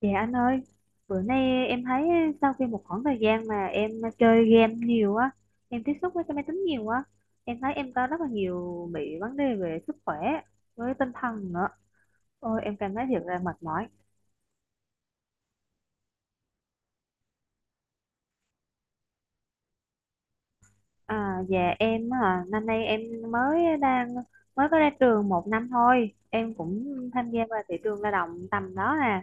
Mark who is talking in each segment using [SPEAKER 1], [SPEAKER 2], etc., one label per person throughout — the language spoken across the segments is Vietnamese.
[SPEAKER 1] Dạ anh ơi, bữa nay em thấy sau khi một khoảng thời gian mà em chơi game nhiều á, em tiếp xúc với cái máy tính nhiều á, em thấy em có rất là nhiều bị vấn đề về sức khỏe với tinh thần nữa. Ôi em cảm thấy thiệt là mệt mỏi. À, dạ em năm nay em mới đang mới có ra trường 1 năm thôi, em cũng tham gia vào thị trường lao động tầm đó nè,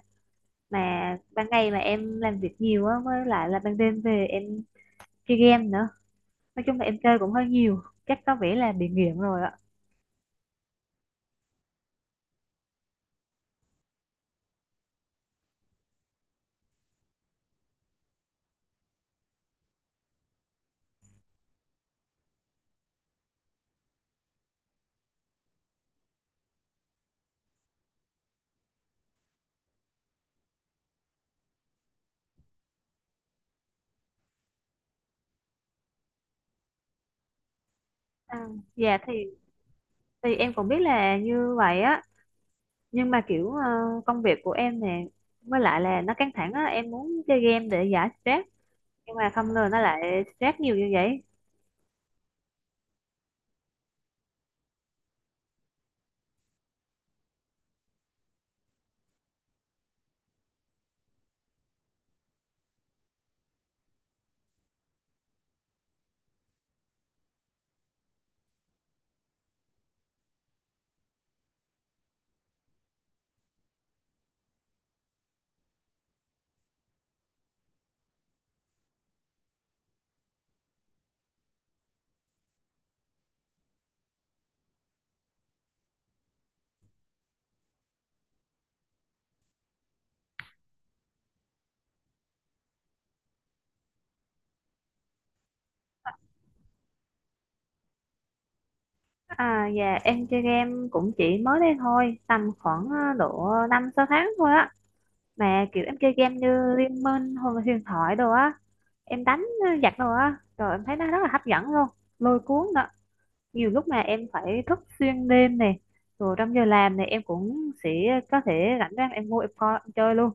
[SPEAKER 1] mà ban ngày mà em làm việc nhiều á, với lại là ban đêm về em chơi game nữa. Nói chung là em chơi cũng hơi nhiều, chắc có vẻ là bị nghiện rồi ạ. À, dạ thì em cũng biết là như vậy á, nhưng mà kiểu công việc của em nè, với lại là nó căng thẳng á, em muốn chơi game để giải stress, nhưng mà không ngờ nó lại stress nhiều như vậy. À, dạ em chơi game cũng chỉ mới đây thôi, tầm khoảng độ 5-6 tháng thôi á, mà kiểu em chơi game như Liên Minh hoặc là huyền thoại đồ á, em đánh giặc đồ á, rồi em thấy nó rất là hấp dẫn luôn, lôi cuốn nữa. Nhiều lúc mà em phải thức xuyên đêm này, rồi trong giờ làm này em cũng sẽ có thể rảnh rang em vô em coi em chơi luôn.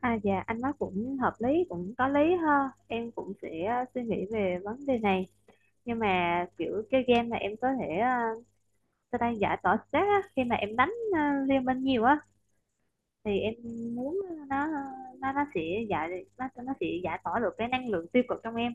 [SPEAKER 1] À, dạ anh nói cũng hợp lý, cũng có lý ha, em cũng sẽ suy nghĩ về vấn đề này. Nhưng mà kiểu chơi game mà em có thể uh, sao ta đang giải tỏa stress á, khi mà em đánh liên minh nhiều á thì em muốn nó nó nó sẽ nó sẽ giải tỏa được cái năng lượng tiêu cực trong em.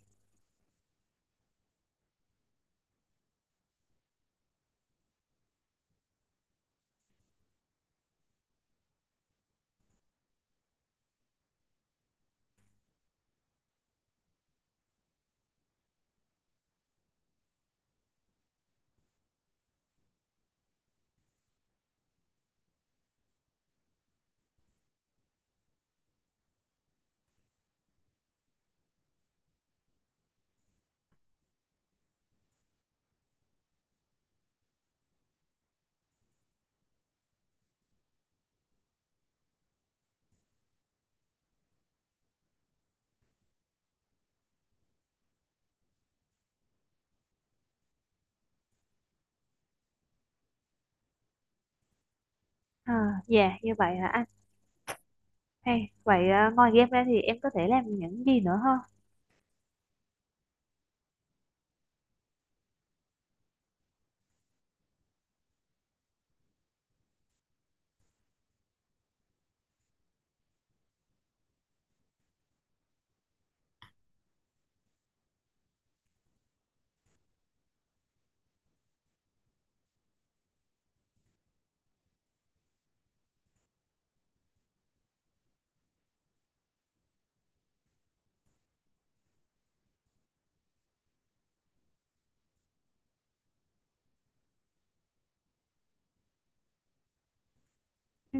[SPEAKER 1] À, dạ như vậy hả anh? Hay vậy ngoài game ra thì em có thể làm những gì nữa không? Ừ,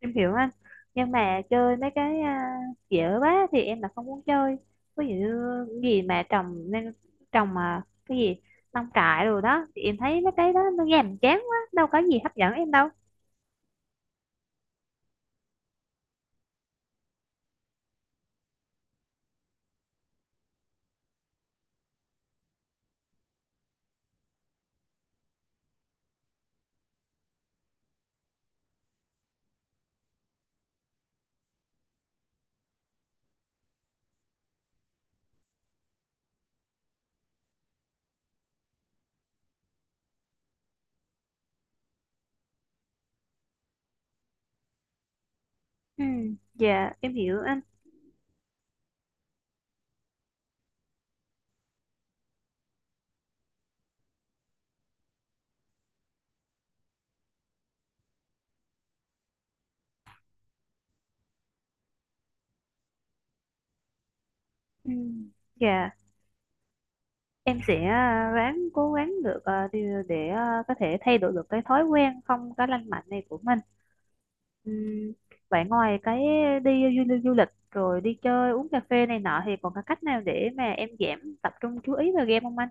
[SPEAKER 1] em hiểu anh, nhưng mà chơi mấy cái dễ quá thì em là không muốn chơi. Ví dụ như cái gì mà trồng nên trồng mà cái gì nông trại rồi đó thì em thấy mấy cái đó nó nhàm chán quá, đâu có gì hấp dẫn em đâu. Ừ, dạ em hiểu anh. Ừ, dạ em sẽ ráng cố gắng được để có thể thay đổi được cái thói quen không có lành mạnh này của mình. Ừm, Vậy ngoài cái đi du lịch rồi đi chơi uống cà phê này nọ thì còn có cách nào để mà em giảm tập trung chú ý vào game không anh?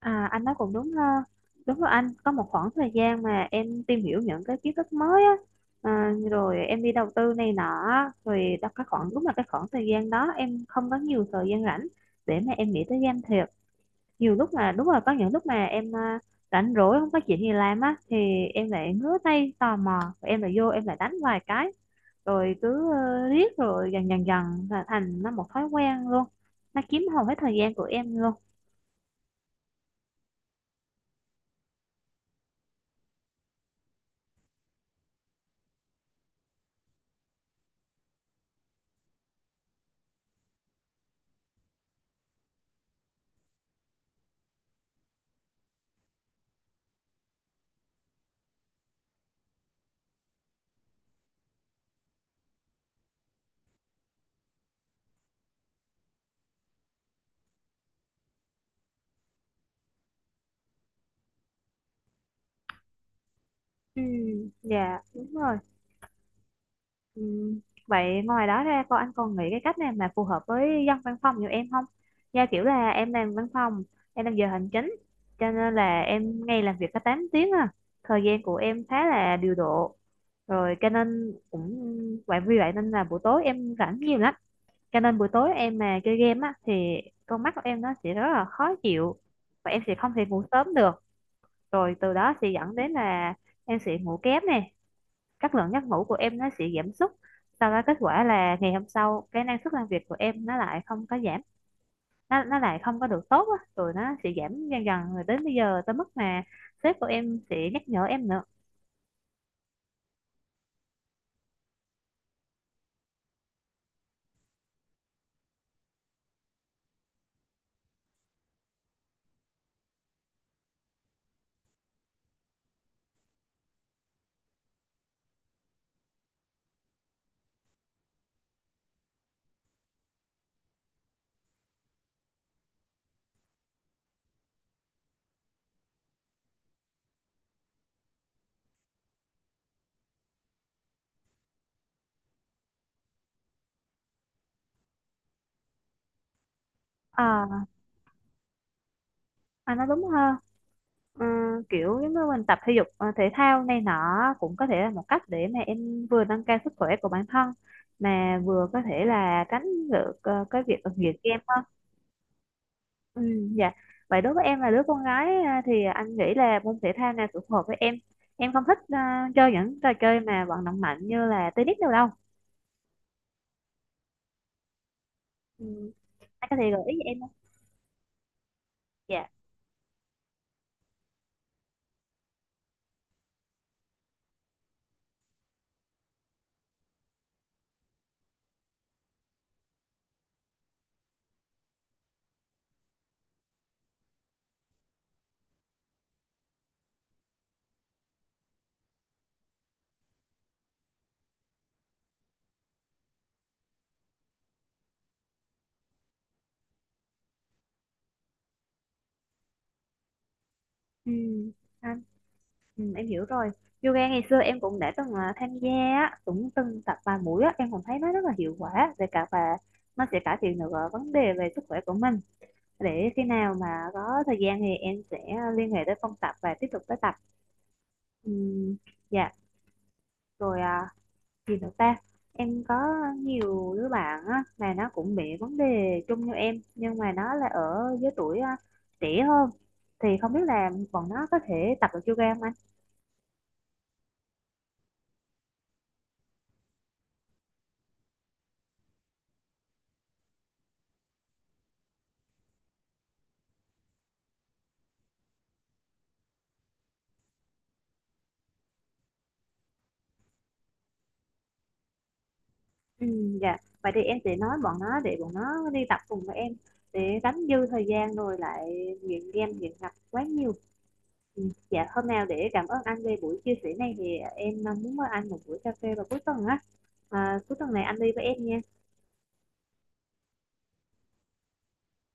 [SPEAKER 1] À, anh nói cũng đúng ha. Đúng rồi anh, có một khoảng thời gian mà em tìm hiểu những cái kiến thức mới á, rồi em đi đầu tư này nọ, á, rồi đó cái khoảng đúng là cái khoảng thời gian đó em không có nhiều thời gian rảnh để mà em nghĩ tới game thiệt. Nhiều lúc mà đúng là có những lúc mà em rảnh rỗi không có chuyện gì làm á, thì em lại ngứa tay tò mò, em lại vô em lại đánh vài cái, rồi cứ riết rồi dần dần dần là thành nó một thói quen luôn, nó chiếm hầu hết thời gian của em luôn. Ừ, dạ đúng rồi. Ừ. Vậy ngoài đó ra cô anh còn nghĩ cái cách nào mà phù hợp với dân văn phòng như em không? Do kiểu là em làm văn phòng, em làm giờ hành chính, cho nên là em ngày làm việc có 8 tiếng à. Thời gian của em khá là điều độ. Rồi cho nên cũng vậy, vì vậy nên là buổi tối em rảnh nhiều lắm. Cho nên buổi tối em mà chơi game á thì con mắt của em nó sẽ rất là khó chịu, và em sẽ không thể ngủ sớm được. Rồi từ đó sẽ dẫn đến là em sẽ ngủ kém nè, các lượng giấc ngủ của em nó sẽ giảm sút, sau đó kết quả là ngày hôm sau cái năng suất làm việc của em nó lại không có giảm, nó lại không có được tốt á, rồi nó sẽ giảm dần dần rồi đến bây giờ tới mức mà sếp của em sẽ nhắc nhở em nữa. À, à nó đúng hơn. Ừ, kiểu giống như mình tập thể dục thể thao này nọ cũng có thể là một cách để mà em vừa nâng cao sức khỏe của bản thân, mà vừa có thể là tránh được cái việc nghiện game. Ừ, dạ. Vậy đối với em là đứa con gái à, thì anh nghĩ là môn thể thao nào phù hợp với em. Em không thích chơi những trò chơi mà vận động mạnh như là tennis đâu đâu. Ừ, anh có thể gợi ý cho em không? Dạ. Ừ, anh, em hiểu rồi. Yoga ngày xưa em cũng đã từng tham gia, á, cũng từng tập vài buổi á, em cũng thấy nó rất là hiệu quả về cả và nó sẽ cải thiện được vấn đề về sức khỏe của mình. Để khi nào mà có thời gian thì em sẽ liên hệ tới phòng tập và tiếp tục tới tập. Ừ, dạ. Rồi gì nữa ta, em có nhiều đứa bạn á, mà nó cũng bị vấn đề chung như em, nhưng mà nó là ở giới tuổi trẻ hơn, thì không biết là bọn nó có thể tập được yoga không anh? Ừ, dạ vậy thì em sẽ nói bọn nó để bọn nó đi tập cùng với em, để đánh dư thời gian rồi lại nghiện game nghiện ngập quá nhiều. Ừ, dạ hôm nào để cảm ơn anh về buổi chia sẻ này thì em muốn mời anh một buổi cà phê vào cuối tuần á. À, cuối tuần này anh đi với em nha.